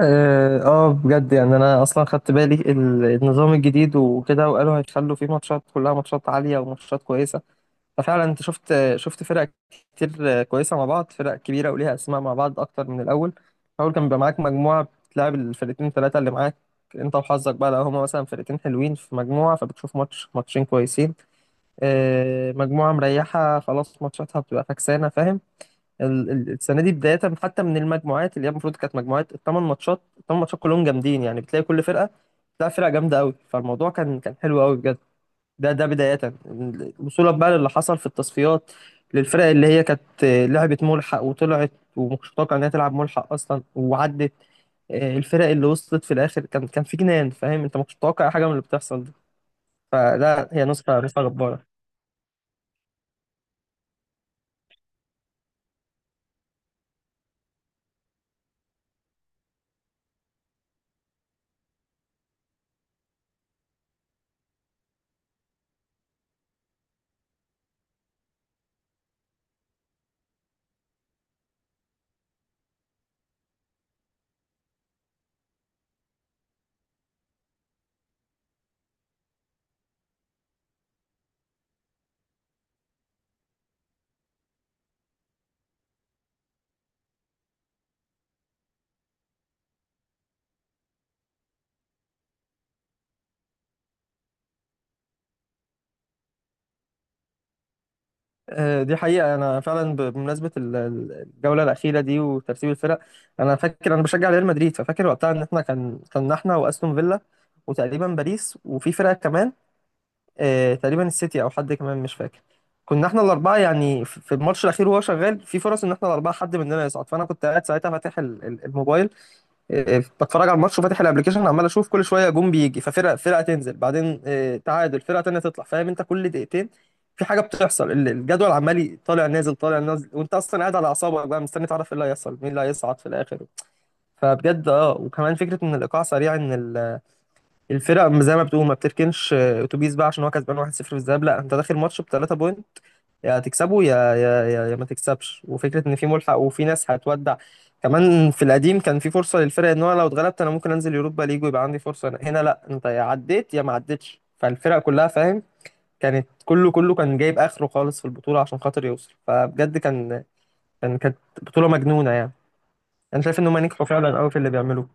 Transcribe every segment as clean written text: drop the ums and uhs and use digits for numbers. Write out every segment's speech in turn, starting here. بجد يعني انا اصلا خدت بالي النظام الجديد وكده، وقالوا هيخلوا فيه ماتشات كلها ماتشات عاليه وماتشات كويسه. ففعلا انت شفت فرق كتير، كويسه مع بعض، فرق كبيره وليها اسماء مع بعض اكتر من الاول. الاول كان بيبقى معاك مجموعه بتلعب الفرقتين ثلاثه اللي معاك، انت وحظك بقى، لو هما مثلا فرقتين حلوين في مجموعه فبتشوف ماتش ماتشين كويسين. مجموعه مريحه خلاص ماتشاتها بتبقى فكسانه، فاهم. السنه دي بدايه حتى من المجموعات اللي هي المفروض كانت مجموعات الثمان ماتشات، الثمان ماتشات كلهم جامدين، يعني بتلاقي كل فرقه بتلاقي فرقه جامده قوي. فالموضوع كان حلو قوي بجد. ده بدايه، وصولا بقى للي حصل في التصفيات، للفرق اللي هي كانت، لعبت ملحق وطلعت ومشتاقه انها تلعب ملحق اصلا وعدت. الفرق اللي وصلت في الاخر كان في جنان، فاهم انت، ما كنتش متوقع أي حاجه من اللي بتحصل دي. فده هي نسخه جباره. دي حقيقة. أنا فعلا بمناسبة الجولة الأخيرة دي وترتيب الفرق، أنا فاكر، أنا بشجع ريال مدريد، ففاكر وقتها إن إحنا كان إحنا وأستون فيلا وتقريبا باريس وفي فرقة كمان، تقريبا السيتي أو حد كمان مش فاكر. كنا إحنا الأربعة يعني في الماتش الأخير، وهو شغال في فرص إن إحنا الأربعة حد مننا يصعد. فأنا كنت قاعد ساعتها فاتح الموبايل، بتفرج على الماتش وفاتح الابلكيشن، عمال اشوف كل شويه جون بيجي ففرقه فرقه تنزل، بعدين تعادل، فرقه تانيه تطلع، فاهم انت، كل دقيقتين في حاجه بتحصل، الجدول عمال طالع نازل طالع نازل، وانت اصلا قاعد على اعصابك بقى، مستني تعرف ايه اللي هيحصل، مين اللي هيصعد في الاخر. فبجد اه، وكمان فكره ان الايقاع سريع، ان الفرق زي ما بتقول ما بتركنش، اتوبيس بقى عشان هو كسبان 1-0 في الذهاب، لا انت داخل ماتش بثلاثه بوينت، يا تكسبه يا يا يا يا ما تكسبش. وفكرة ان في ملحق وفي ناس هتودع، كمان في القديم كان في فرصة للفرق ان هو لو اتغلبت انا ممكن انزل يوروبا ليج ويبقى عندي فرصة هنا، لا انت يا عديت يا ما عدتش. فالفرق كلها، فاهم، كانت كله كان جايب اخره خالص في البطولة عشان خاطر يوصل. فبجد كانت بطولة مجنونة يعني، انا شايف ان هم نجحوا فعلا قوي في اللي بيعملوه.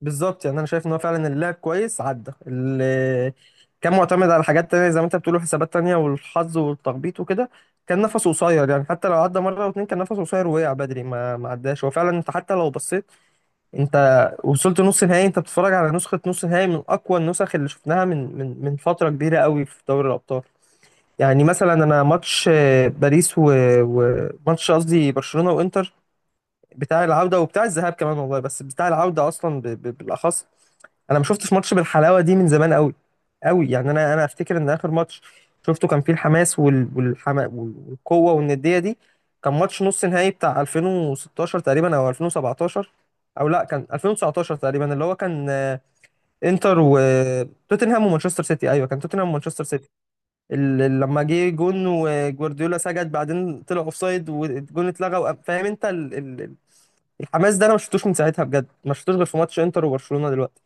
بالظبط، يعني انا شايف ان هو فعلا اللاعب كويس عدى، اللي كان معتمد على حاجات تانية زي ما انت بتقول، حسابات تانية والحظ والتخبيط وكده، كان نفسه قصير. يعني حتى لو عدى مرة واتنين كان نفسه قصير ووقع بدري، ما عداش هو فعلا. انت حتى لو بصيت انت وصلت نص نهائي، انت بتتفرج على نسخة نص نهائي من اقوى النسخ اللي شفناها من من فترة كبيرة قوي في دوري الابطال. يعني مثلا انا ماتش باريس وماتش، قصدي برشلونة وانتر، بتاع العودة وبتاع الذهاب كمان والله، بس بتاع العودة أصلا بالأخص، أنا ما شفتش ماتش بالحلاوة دي من زمان قوي قوي. يعني أنا أفتكر إن آخر ماتش شفته كان فيه الحماس والقوة والندية دي كان ماتش نص نهائي بتاع 2016 تقريبا أو 2017، أو لا كان 2019 تقريبا، اللي هو كان، انتر وتوتنهام ومانشستر سيتي، أيوه كان توتنهام ومانشستر سيتي. لما جه جون وجوارديولا سجد، بعدين طلع اوفسايد والجون اتلغى فاهم انت، الحماس ده انا ما شفتوش من ساعتها بجد، ما شفتوش غير في ماتش انتر وبرشلونة دلوقتي.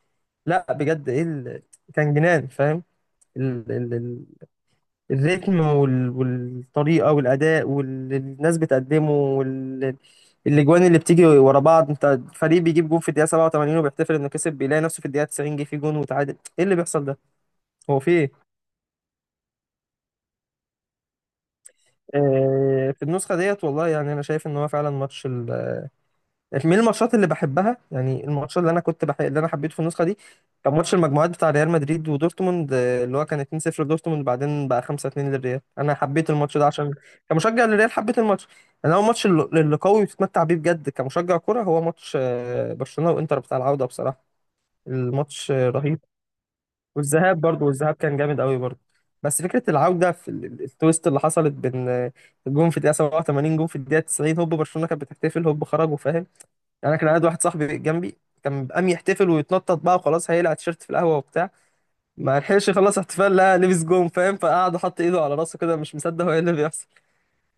لا بجد، ايه كان جنان، فاهم، ال... ال... ال... الريتم والطريقة والأداء والناس بتقدمه الاجوان اللي بتيجي ورا بعض، انت فريق بيجيب جون في الدقيقة 87 وبيحتفل انه كسب، بيلاقي نفسه في الدقيقة 90 جه فيه جون وتعادل، ايه اللي بيحصل ده؟ هو في ايه؟ في النسخة ديت والله، يعني انا شايف ان هو فعلا ماتش من الماتشات اللي بحبها، يعني الماتشات اللي انا اللي انا حبيته في النسخه دي كان ماتش المجموعات بتاع ريال مدريد ودورتموند، اللي هو كان 2-0 لدورتموند، بعدين بقى 5-2 للريال. انا حبيت الماتش ده عشان كمشجع للريال حبيت الماتش. انا هو الماتش اللي قوي بتتمتع بيه بجد كمشجع كرة هو ماتش برشلونه وانتر بتاع العوده، بصراحه الماتش رهيب. والذهاب برضو، والذهاب كان جامد قوي برضو. بس فكره العوده في التويست اللي حصلت بين، الجون في الدقيقه 87 جون في الدقيقه 90، هوب برشلونه كانت بتحتفل، هوب خرجوا فاهم. يعني انا كان قاعد واحد صاحبي جنبي، كان قام يحتفل ويتنطط بقى وخلاص، هيقلع التيشيرت في القهوه وبتاع، ما لحقش يخلص احتفال، لا لبس جون، فاهم، فقعد حط ايده على راسه كده مش مصدق هو ايه اللي بيحصل.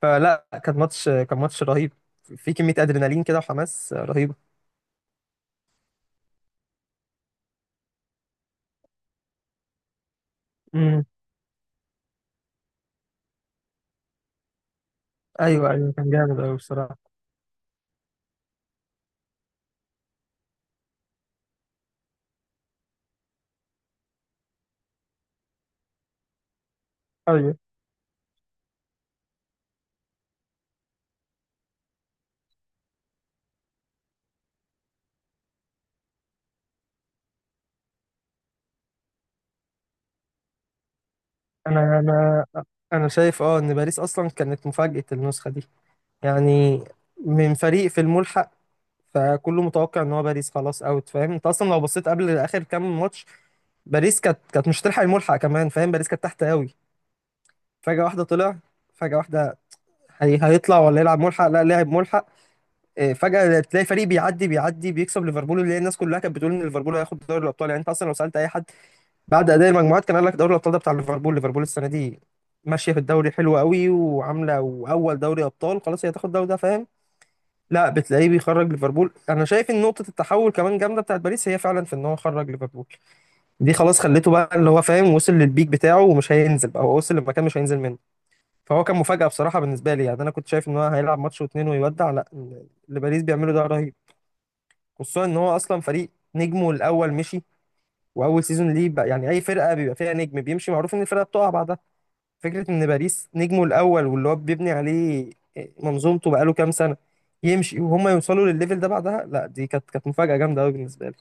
فلا، كان ماتش رهيب، في كميه ادرينالين كده وحماس رهيبه. امم ايوه ايوه، كان جامد قوي بصراحه. ايوه، انا انا انا شايف اه ان باريس اصلا كانت مفاجاه النسخه دي، يعني من فريق في الملحق، فكله متوقع ان هو باريس خلاص اوت، فاهم انت، اصلا لو بصيت قبل اخر كام ماتش باريس كانت مش هتلحق الملحق كمان، فاهم، باريس كانت تحت قوي. فجأة واحدة طلع، فجأة واحدة، هي هيطلع ولا يلعب ملحق، لا لاعب ملحق. فجأة تلاقي فريق بيعدي بيكسب ليفربول، اللي هي الناس كلها كانت بتقول ان ليفربول هياخد دوري الابطال. يعني انت اصلا لو سألت اي حد بعد اداء المجموعات كان قال لك دوري الابطال ده بتاع ليفربول، ليفربول السنة دي ماشية في الدوري حلوة قوي وعاملة واول دوري ابطال، خلاص هي هتاخد الدوري ده، فاهم. لا بتلاقيه بيخرج ليفربول. انا شايف ان نقطة التحول كمان جامدة بتاعت باريس هي فعلا في ان هو خرج ليفربول، دي خلاص خليته بقى اللي هو، فاهم، وصل للبيك بتاعه ومش هينزل بقى، هو وصل لمكان مش هينزل منه. فهو كان مفاجأة بصراحة بالنسبة لي، يعني انا كنت شايف ان هو هيلعب ماتش واتنين ويودع، لا اللي باريس بيعمله ده رهيب. خصوصا ان هو اصلا فريق نجمه الاول مشي واول سيزون ليه بقى، يعني اي فرقة بيبقى فيها نجم بيمشي معروف ان الفرقة بتقع بعدها. فكرة ان باريس نجمه الاول واللي هو بيبني عليه منظومته بقاله كام سنة يمشي، وهم يوصلوا للليفل ده بعدها، لا دي كانت مفاجأة جامدة قوي بالنسبة لي.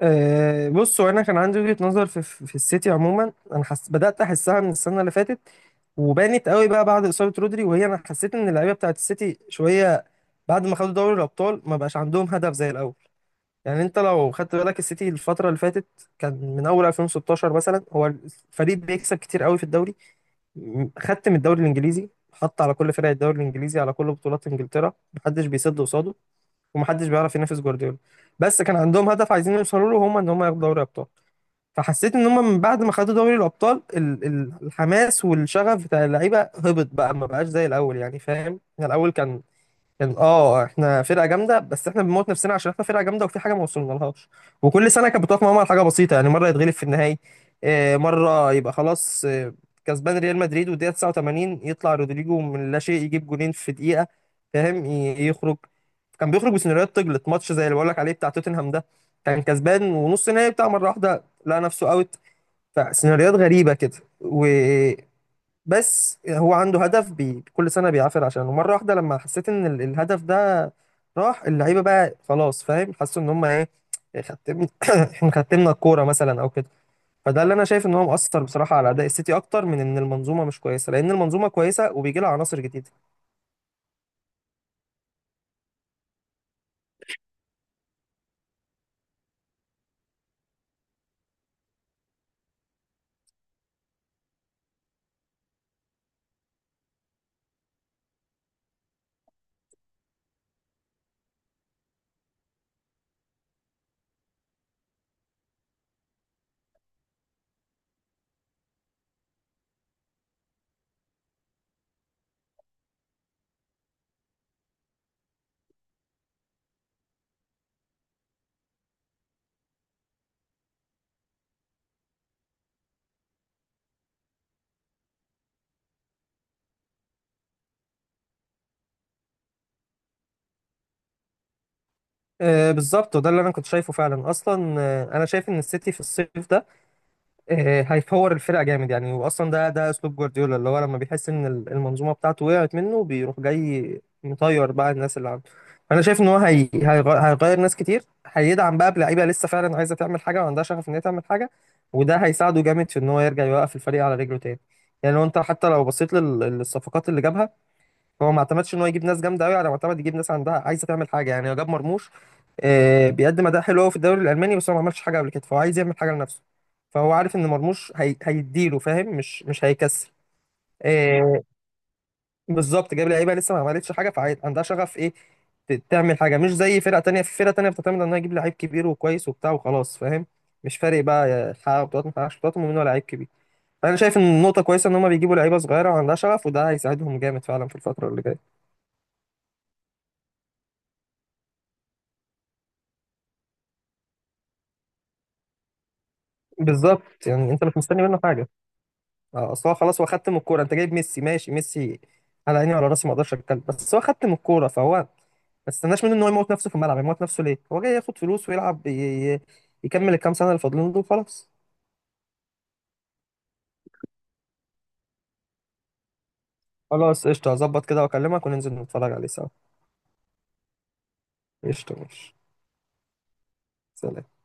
أه بص، هو انا كان عندي وجهة نظر في السيتي عموما، انا حس بدأت احسها من السنة اللي فاتت، وبانت قوي بقى بعد إصابة رودري، وهي انا حسيت ان اللعيبة بتاعت السيتي شوية بعد ما خدوا دوري الابطال ما بقاش عندهم هدف زي الاول. يعني انت لو خدت بالك السيتي الفترة اللي فاتت، كان من اول 2016 مثلا هو الفريق بيكسب كتير قوي في الدوري، خدت من الدوري الانجليزي، حط على كل فرق الدوري الانجليزي، على كل بطولات انجلترا محدش بيسد قصاده، ومحدش بيعرف ينافس جوارديولا. بس كان عندهم هدف عايزين يوصلوا له، هم ان هم ياخدوا دوري ابطال. فحسيت ان هم من بعد ما خدوا دوري الابطال الحماس والشغف بتاع اللعيبه هبط بقى، ما بقاش زي الاول، يعني فاهم. يعني الاول كان، كان اه احنا فرقه جامده، بس احنا بنموت نفسنا عشان احنا فرقه جامده وفي حاجه ما وصلنا لهاش، وكل سنه كانت بتقف معاهم على حاجه بسيطه. يعني مره يتغلب في النهائي، مره يبقى خلاص، كسبان ريال مدريد والدقيقه 89 يطلع رودريجو من لا شيء يجيب جولين في دقيقه، فاهم، يخرج. كان بيخرج بسيناريوهات تجلط، ماتش زي اللي بقول لك عليه بتاع توتنهام ده كان كسبان ونص نهائي بتاع، مره واحده لقى نفسه اوت، فسيناريوهات غريبه كده. بس هو عنده هدف بي كل سنة بيعافر عشانه مرة واحدة، لما حسيت ان الهدف ده راح اللعيبة بقى خلاص، فاهم، حسوا ان هم ايه، ختم. احنا ختمنا الكورة مثلا او كده. فده اللي انا شايف ان هو مؤثر بصراحة على اداء السيتي، اكتر من ان المنظومة مش كويسة، لان المنظومة كويسة وبيجي لها عناصر جديدة. آه بالظبط، وده اللي انا كنت شايفه فعلا اصلا. آه انا شايف ان السيتي في الصيف ده، هيفور الفرقه جامد، يعني واصلا ده اسلوب جوارديولا، اللي هو لما بيحس ان المنظومه بتاعته وقعت منه بيروح جاي مطير بقى الناس اللي عنده. فانا شايف ان هو هيغير ناس كتير، هيدعم بقى بلعيبه لسه فعلا عايزه تعمل حاجه وعندها شغف ان هي تعمل حاجه. وده هيساعده جامد في ان هو يرجع يوقف الفريق على رجله تاني. يعني لو انت حتى لو بصيت للصفقات اللي جابها، هو ما اعتمدش ان هو يجيب ناس جامده قوي على ما اعتمد يجيب ناس عندها عايزه تعمل حاجه. يعني هو جاب مرموش، بيقدم اداء حلو قوي في الدوري الالماني بس هو ما عملش حاجه قبل كده، فهو عايز يعمل حاجه لنفسه. فهو عارف ان مرموش هيديله، فاهم، مش هيكسر. آه، بالظبط، جاب لعيبه لسه ما عملتش حاجه فعندها شغف ايه، تعمل حاجه، مش زي فرقه تانية. في فرقه تانية بتعتمد انها تجيب لعيب كبير وكويس وبتاع وخلاص، فاهم، مش فارق بقى حقق بطولات ما حققش بطولات، المهم ان هو لعيب كبير. فانا شايف ان النقطه كويسه ان هم بيجيبوا لعيبه صغيره وعندها شغف، وده هيساعدهم جامد فعلا في الفتره اللي جايه. بالظبط، يعني انت مش مستني منه حاجه. اصل هو خلاص هو خدت من الكوره. انت جايب ميسي، ماشي ميسي، على عيني وعلى راسي، ما اقدرش اتكلم، بس هو خدت من الكوره، فهو ما تستناش منه ان هو يموت نفسه في الملعب. يموت نفسه ليه؟ هو جاي ياخد فلوس ويلعب، يكمل الكام سنه اللي فاضلين دول وخلاص. خلاص قشطه، هظبط كده واكلمك وننزل نتفرج عليه سوا. قشطه ماشي. سلام.